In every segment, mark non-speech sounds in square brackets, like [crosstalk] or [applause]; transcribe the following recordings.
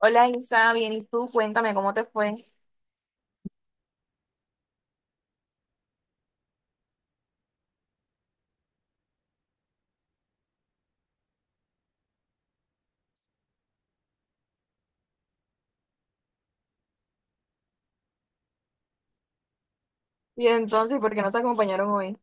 Hola Isa, bien, ¿y tú? Cuéntame cómo te fue. Y entonces, ¿por qué no te acompañaron hoy?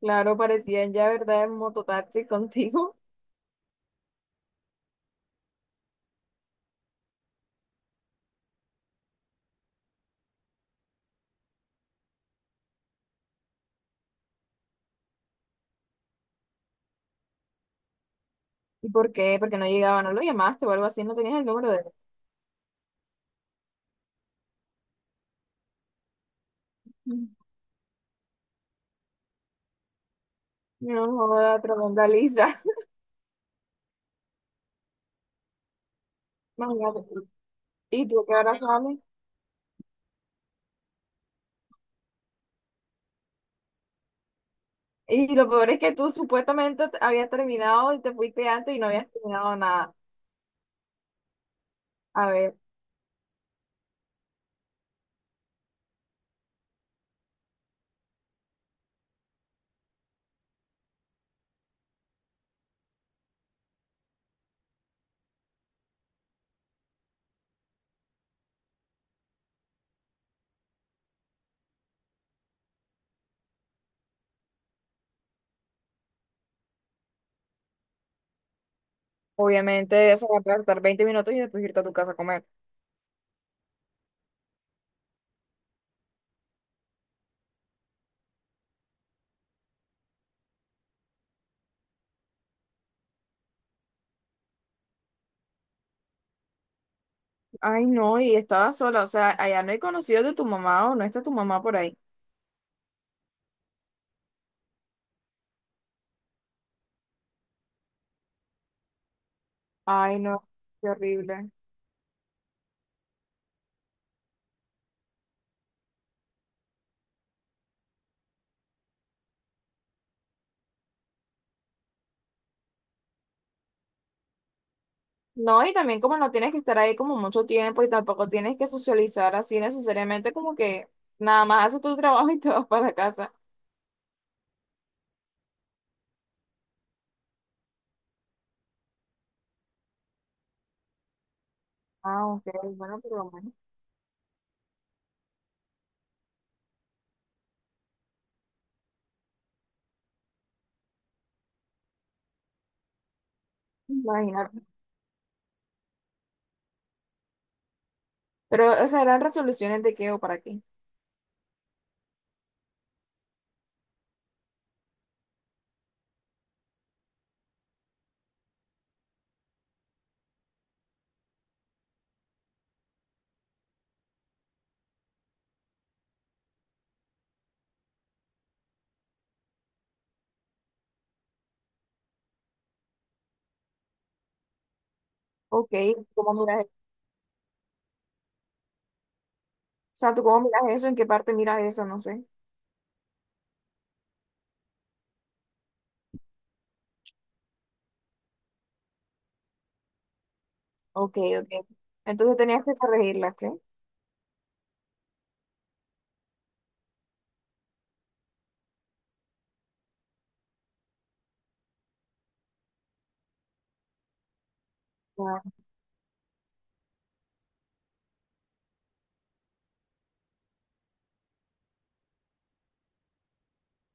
Claro, parecían ya, ¿verdad?, en mototaxi [laughs] contigo. ¿Y por qué? Porque no llegaba, no lo llamaste o algo así, no tenías el número de él. No, joda, tremenda lisa. [laughs] Imagínate. ¿Y tú qué hora sales? Y lo peor es que tú supuestamente habías terminado y te fuiste antes y no habías terminado nada. A ver, obviamente, eso va a tardar 20 minutos y después irte a tu casa a comer. Ay, no, y estaba sola, o sea, allá no hay conocidos de tu mamá o no está tu mamá por ahí. Ay, no, qué horrible. No, y también como no tienes que estar ahí como mucho tiempo y tampoco tienes que socializar así necesariamente, como que nada más haces tu trabajo y te vas para la casa. Ah, ok, bueno, por lo menos, imagínate. Pero, o sea, ¿eran resoluciones de qué o para qué? Ok, ¿cómo miras eso? O sea, ¿tú cómo miras eso? ¿En qué parte miras eso? No sé. Ok, ok. Entonces tenías que corregirlas, ¿qué? Ah,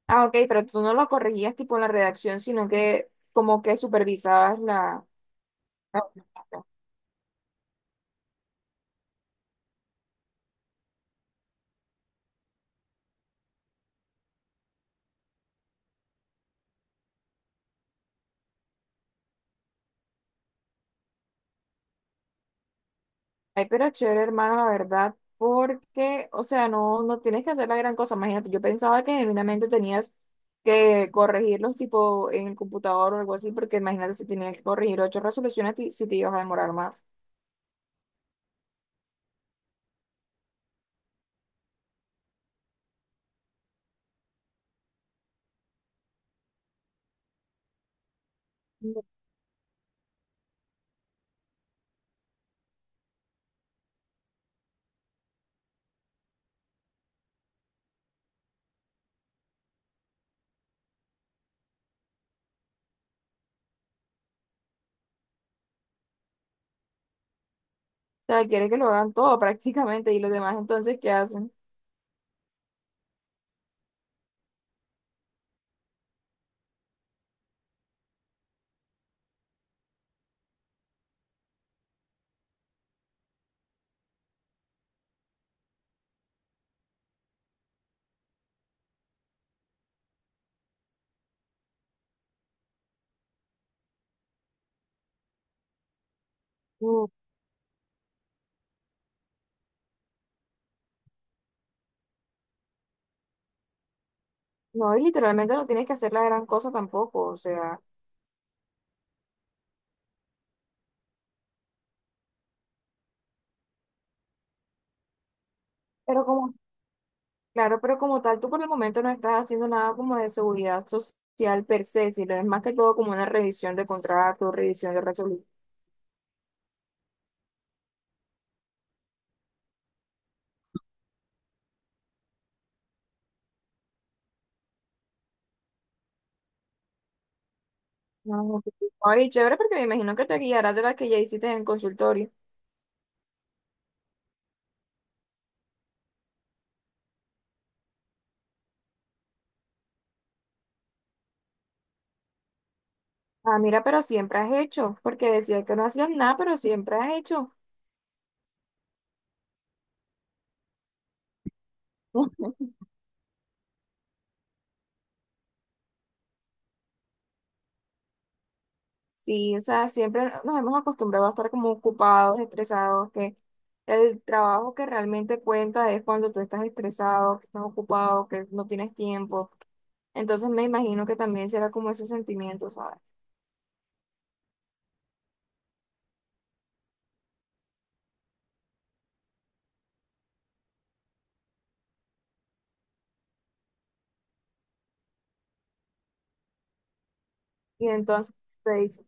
ah, ok, pero tú no lo corregías tipo en la redacción, sino que como que supervisabas la... la- Ay, pero chévere, hermano, la verdad, porque, o sea, no, no tienes que hacer la gran cosa. Imagínate, yo pensaba que genuinamente tenías que corregirlos tipo en el computador o algo así, porque imagínate si tenías que corregir 8 resoluciones, si te ibas a demorar más. O sea, quieres que lo hagan todo [laughs] prácticamente y los demás entonces, ¿qué hacen? Mm, no, y literalmente no tienes que hacer la gran cosa tampoco, o sea. Pero como claro, pero como tal, tú por el momento no estás haciendo nada como de seguridad social per se, sino es más que todo como una revisión de contrato, revisión de resolución. Ay, chévere, porque me imagino que te guiarás de las que ya hiciste en consultorio. Ah, mira, pero siempre has hecho, porque decías que no hacías nada, pero siempre has hecho. [laughs] Sí, o sea, siempre nos hemos acostumbrado a estar como ocupados, estresados, que el trabajo que realmente cuenta es cuando tú estás estresado, que estás ocupado, que no tienes tiempo. Entonces me imagino que también será como ese sentimiento, ¿sabes? Y entonces te dice,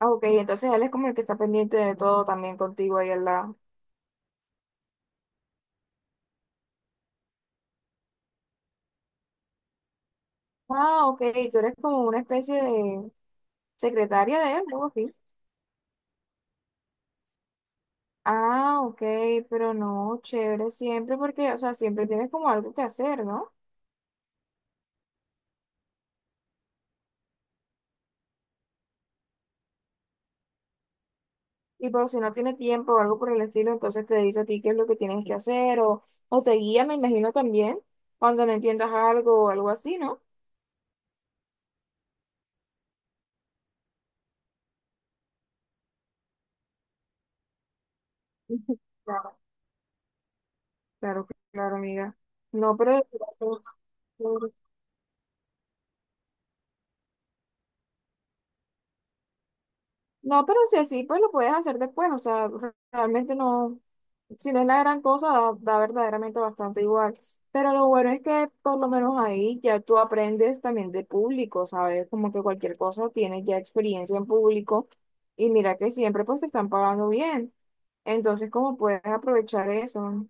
ah, ok, entonces él es como el que está pendiente de todo también contigo ahí al lado. Ah, ok, tú eres como una especie de secretaria de él, algo así. Ah, ok, pero no, chévere siempre porque, o sea, siempre tienes como algo que hacer, ¿no? Y por si no tiene tiempo o algo por el estilo, entonces te dice a ti qué es lo que tienes que hacer o te guía, me imagino también, cuando no entiendas algo o algo así, ¿no? [laughs] Claro, claro, amiga. No, pero no, pero si así, pues lo puedes hacer después. O sea, realmente no, si no es la gran cosa, da, da verdaderamente bastante igual. Pero lo bueno es que por lo menos ahí ya tú aprendes también de público, ¿sabes? Como que cualquier cosa tienes ya experiencia en público y mira que siempre pues te están pagando bien. Entonces, ¿cómo puedes aprovechar eso?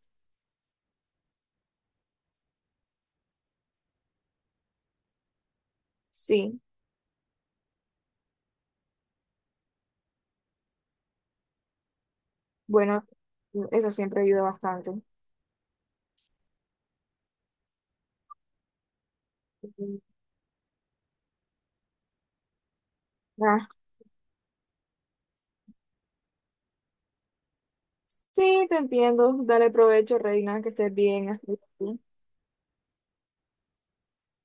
Sí, bueno, eso siempre ayuda bastante. Sí, te entiendo. Dale provecho, Reina, que estés bien. Hasta luego.